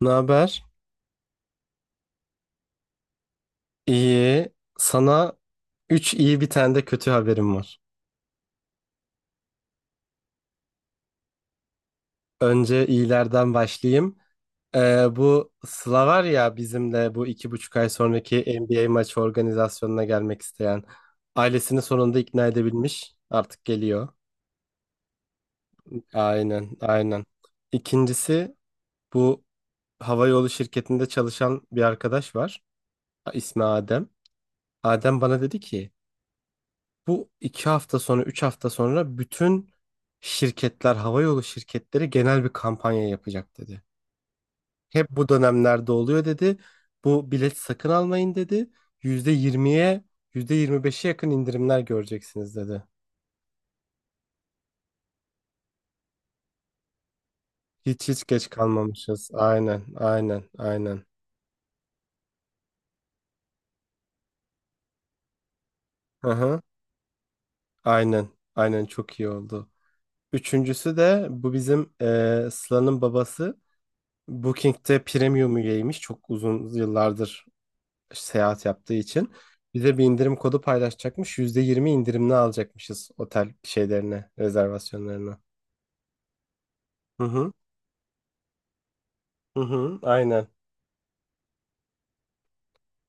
Ne haber? İyi. Sana 3 iyi bir tane de kötü haberim var. Önce iyilerden başlayayım. Bu Sıla var ya bizimle bu 2,5 ay sonraki NBA maçı organizasyonuna gelmek isteyen. Ailesini sonunda ikna edebilmiş. Artık geliyor. Aynen, aynen. İkincisi bu havayolu şirketinde çalışan bir arkadaş var. İsmi Adem. Adem bana dedi ki bu iki hafta sonra, üç hafta sonra bütün şirketler, havayolu şirketleri genel bir kampanya yapacak dedi. Hep bu dönemlerde oluyor dedi. Bu bilet sakın almayın dedi. %20'ye, %25'e yakın indirimler göreceksiniz dedi. Hiç hiç geç kalmamışız. Aynen, aynen, aynen. Hı hı. Aynen, aynen çok iyi oldu. Üçüncüsü de bu bizim Sıla'nın babası. Booking'te premium üyeymiş. Çok uzun yıllardır seyahat yaptığı için bize bir indirim kodu paylaşacakmış. %20 indirimli alacakmışız otel şeylerine, rezervasyonlarına. Hı hı. Hı hı. Aynen.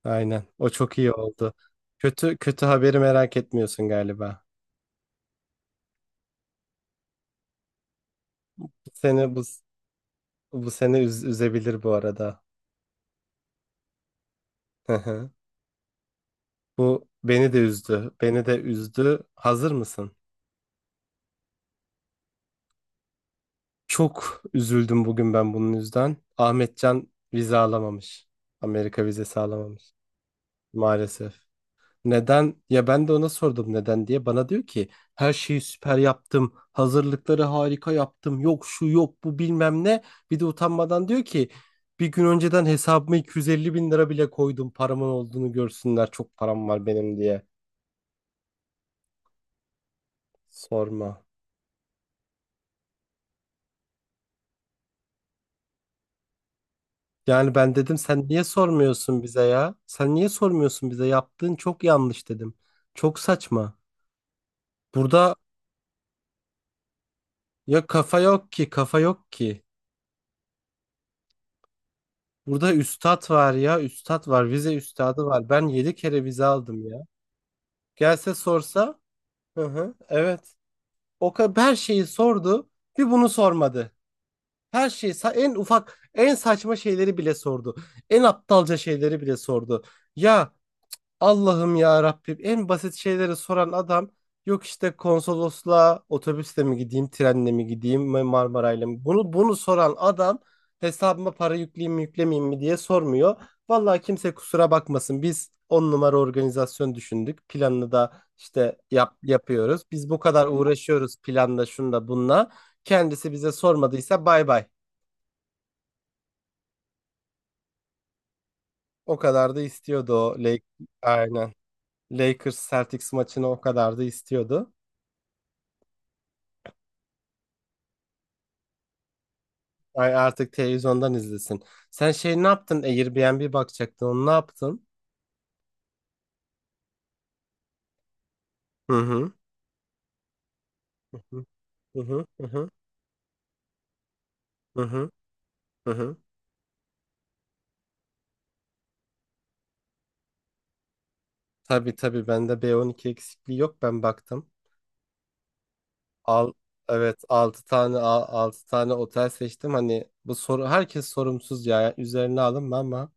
Aynen. O çok iyi oldu. Kötü haberi merak etmiyorsun galiba. Seni bu bu seni üzebilir bu arada. Hı hı. Bu beni de üzdü. Beni de üzdü. Hazır mısın? Çok üzüldüm bugün ben bunun yüzden. Ahmetcan vize alamamış. Amerika vizesi alamamış. Maalesef. Neden? Ya ben de ona sordum neden diye. Bana diyor ki her şeyi süper yaptım. Hazırlıkları harika yaptım. Yok şu yok bu bilmem ne. Bir de utanmadan diyor ki bir gün önceden hesabıma 250 bin lira bile koydum. Paramın olduğunu görsünler. Çok param var benim diye. Sorma. Yani ben dedim sen niye sormuyorsun bize ya? Sen niye sormuyorsun bize? Yaptığın çok yanlış dedim. Çok saçma. Burada ya kafa yok ki kafa yok ki. Burada üstad var ya, üstad var, vize üstadı var. Ben 7 kere vize aldım ya. Gelse sorsa, hı hı, evet. O kadar her şeyi sordu, bir bunu sormadı. Her şeyi, en ufak, en saçma şeyleri bile sordu. En aptalca şeyleri bile sordu. Ya Allah'ım ya Rabbim en basit şeyleri soran adam, yok işte konsolosluğa otobüsle mi gideyim trenle mi gideyim mi Marmaray'la mı bunu soran adam hesabıma para yükleyeyim mi yüklemeyeyim mi diye sormuyor. Vallahi kimse kusura bakmasın biz on numara organizasyon düşündük, planını da işte yapıyoruz, biz bu kadar uğraşıyoruz planla şunda bununla, kendisi bize sormadıysa bay bay. O kadar da istiyordu Aynen, Lakers Celtics maçını o kadar da istiyordu. Ay artık televizyondan izlesin. Sen şey ne yaptın? Airbnb bakacaktın. Onu ne yaptın? Hı hı. Hı hı. Hı hı. Hı hı. Hı hı. Tabii tabii bende B12 eksikliği yok. Ben baktım. Al, evet, altı tane otel seçtim. Hani bu soru herkes sorumsuz ya. Üzerine alınma ama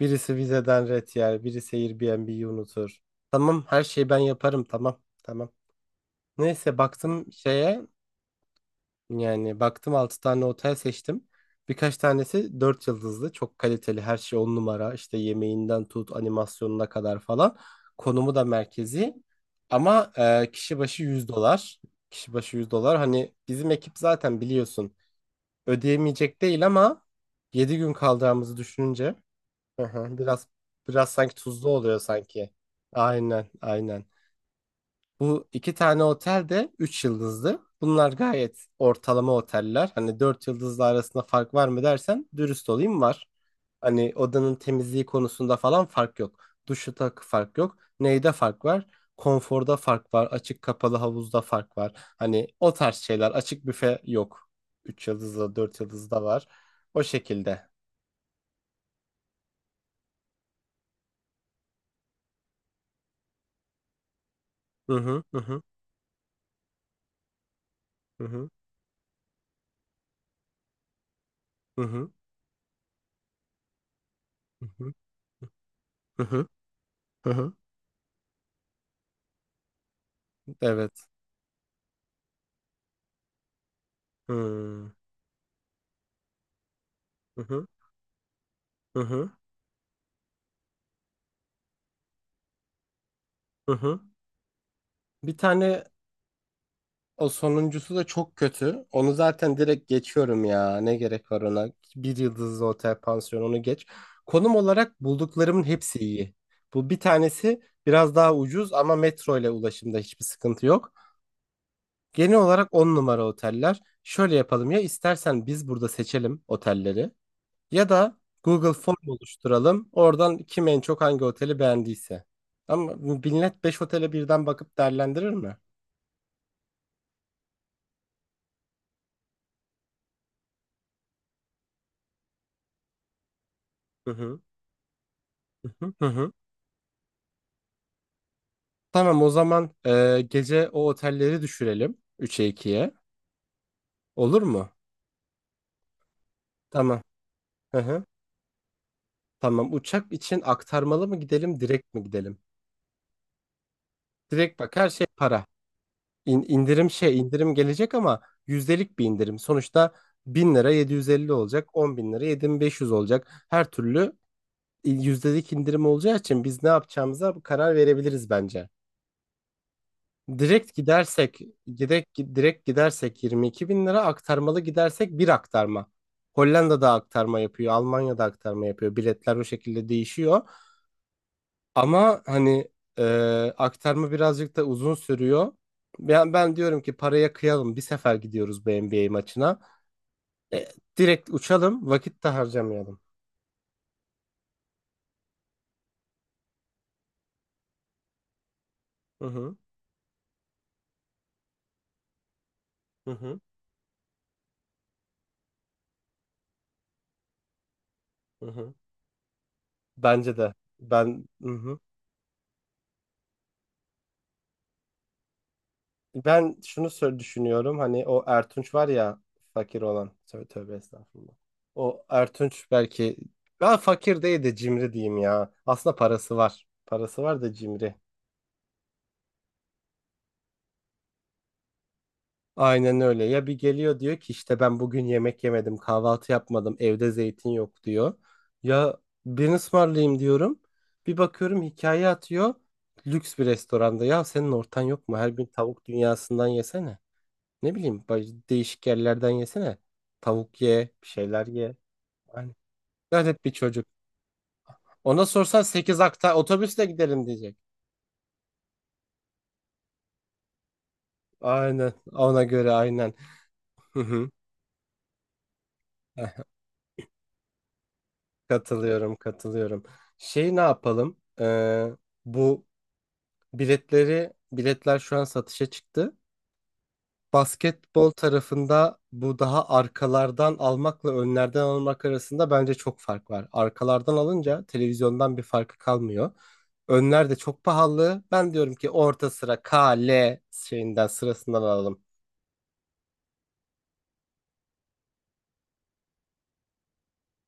birisi vizeden ret yer, birisi Airbnb'yi unutur. Tamam, her şeyi ben yaparım. Tamam. Tamam. Neyse baktım şeye. Yani baktım 6 tane otel seçtim. Birkaç tanesi 4 yıldızlı. Çok kaliteli, her şey 10 numara. İşte yemeğinden tut animasyonuna kadar falan. Konumu da merkezi. Ama kişi başı 100 dolar. Kişi başı 100 dolar. Hani bizim ekip zaten biliyorsun ödeyemeyecek değil ama 7 gün kalacağımızı düşününce, hı hı, biraz sanki tuzlu oluyor sanki. Aynen aynen. Bu iki tane otel de 3 yıldızlı. Bunlar gayet ortalama oteller. Hani 4 yıldızlı arasında fark var mı dersen, dürüst olayım, var. Hani odanın temizliği konusunda falan fark yok. Duşta fark yok. Neyde fark var? Konforda fark var. Açık kapalı havuzda fark var. Hani o tarz şeyler. Açık büfe yok. 3 yıldızlı, dört yıldızda var. O şekilde. Hı hı. Hı hı. Hı hı. Hı hı. Hı hı. Hı hı. Evet. Hı hı. Hı hı. Hı hı. Bir tane, o sonuncusu da çok kötü. Onu zaten direkt geçiyorum ya. Ne gerek var ona? Bir yıldızlı otel pansiyon, onu geç. Konum olarak bulduklarımın hepsi iyi. Bu bir tanesi biraz daha ucuz ama metro ile ulaşımda hiçbir sıkıntı yok. Genel olarak 10 numara oteller. Şöyle yapalım, ya istersen biz burada seçelim otelleri ya da Google Form oluşturalım. Oradan kim en çok hangi oteli beğendiyse. Ama millet 5 otele birden bakıp değerlendirir mi? Hı hı. Hı hı. Hı hı. Tamam o zaman, gece o otelleri düşürelim 3'e, ikiye. Olur mu? Tamam. Hı hı. Tamam. Uçak için aktarmalı mı gidelim, direkt mi gidelim? Direkt, bak, her şey para. İn, indirim şey indirim gelecek ama yüzdelik bir indirim. Sonuçta 1000 lira 750 olacak, 10 bin lira 7500 olacak. Her türlü yüzdelik indirim olacağı için biz ne yapacağımıza karar verebiliriz bence. Direkt gidersek, direkt gidersek 22 bin lira, aktarmalı gidersek bir aktarma. Hollanda'da aktarma yapıyor, Almanya'da aktarma yapıyor. Biletler o şekilde değişiyor. Ama hani e, aktarma birazcık da uzun sürüyor. Ben diyorum ki paraya kıyalım, bir sefer gidiyoruz bu NBA maçına. E, Direkt uçalım, vakit de harcamayalım. Hı hı, hı hı, hı hı. Bence de. Ben, hı hı. Ben düşünüyorum, hani o Ertunç var ya, fakir olan, tövbe, tövbe, estağfurullah. O Ertunç belki, ben fakir değil de cimri diyeyim ya. Aslında parası var. Parası var da cimri. Aynen öyle. Ya bir geliyor diyor ki işte ben bugün yemek yemedim, kahvaltı yapmadım, evde zeytin yok diyor. Ya birini ısmarlayayım diyorum. Bir bakıyorum hikaye atıyor. Lüks bir restoranda. Ya senin ortan yok mu? Her gün tavuk dünyasından yesene. Ne bileyim, değişik yerlerden yesene. Tavuk ye, bir şeyler ye. Aynen. Garip bir çocuk. Ona sorsan 8 akta otobüsle giderim diyecek. Aynen, ona göre, aynen. Hı hı. Heh, katılıyorum katılıyorum. Şey ne yapalım? Bu biletleri Biletler şu an satışa çıktı. Basketbol tarafında bu, daha arkalardan almakla önlerden almak arasında bence çok fark var. Arkalardan alınca televizyondan bir farkı kalmıyor. Önler de çok pahalı. Ben diyorum ki orta sıra K, L şeyinden, sırasından alalım.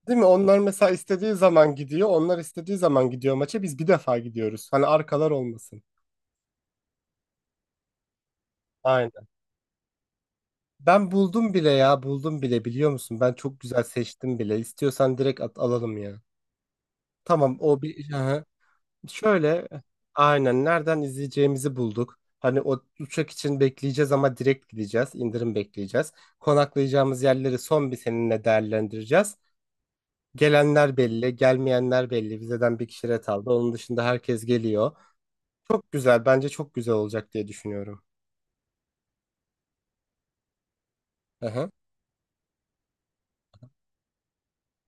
Değil mi? Onlar mesela istediği zaman gidiyor. Onlar istediği zaman gidiyor maça. Biz bir defa gidiyoruz. Hani arkalar olmasın. Aynen. Ben buldum bile ya. Buldum bile, biliyor musun? Ben çok güzel seçtim bile. İstiyorsan direkt at, alalım ya. Tamam, o bir... Şöyle, aynen, nereden izleyeceğimizi bulduk. Hani o uçak için bekleyeceğiz ama direkt gideceğiz. İndirim bekleyeceğiz. Konaklayacağımız yerleri son bir seninle değerlendireceğiz. Gelenler belli, gelmeyenler belli. Vizeden bir kişi ret aldı. Onun dışında herkes geliyor. Çok güzel. Bence çok güzel olacak diye düşünüyorum. Hı hı,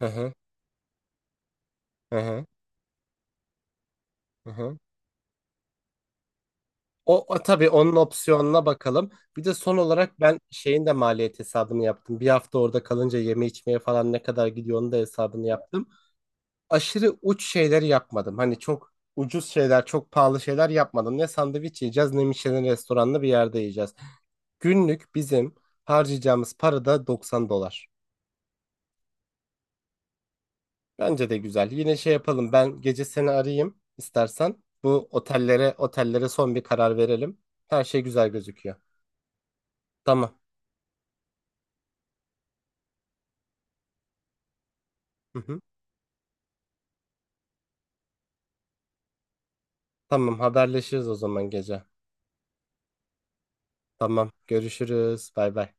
hı hı, hı hı, hı hı. O tabii onun opsiyonuna bakalım. Bir de son olarak ben şeyin de maliyet hesabını yaptım. Bir hafta orada kalınca yeme içmeye falan ne kadar gidiyor onun da hesabını yaptım. Aşırı uç şeyleri yapmadım. Hani çok ucuz şeyler, çok pahalı şeyler yapmadım. Ne sandviç yiyeceğiz, ne Michelin restoranlı bir yerde yiyeceğiz. Günlük bizim harcayacağımız para da 90 dolar. Bence de güzel. Yine şey yapalım. Ben gece seni arayayım istersen. Bu otellere son bir karar verelim. Her şey güzel gözüküyor. Tamam. Hı hı. Tamam, haberleşiriz o zaman gece. Tamam, görüşürüz. Bay bay.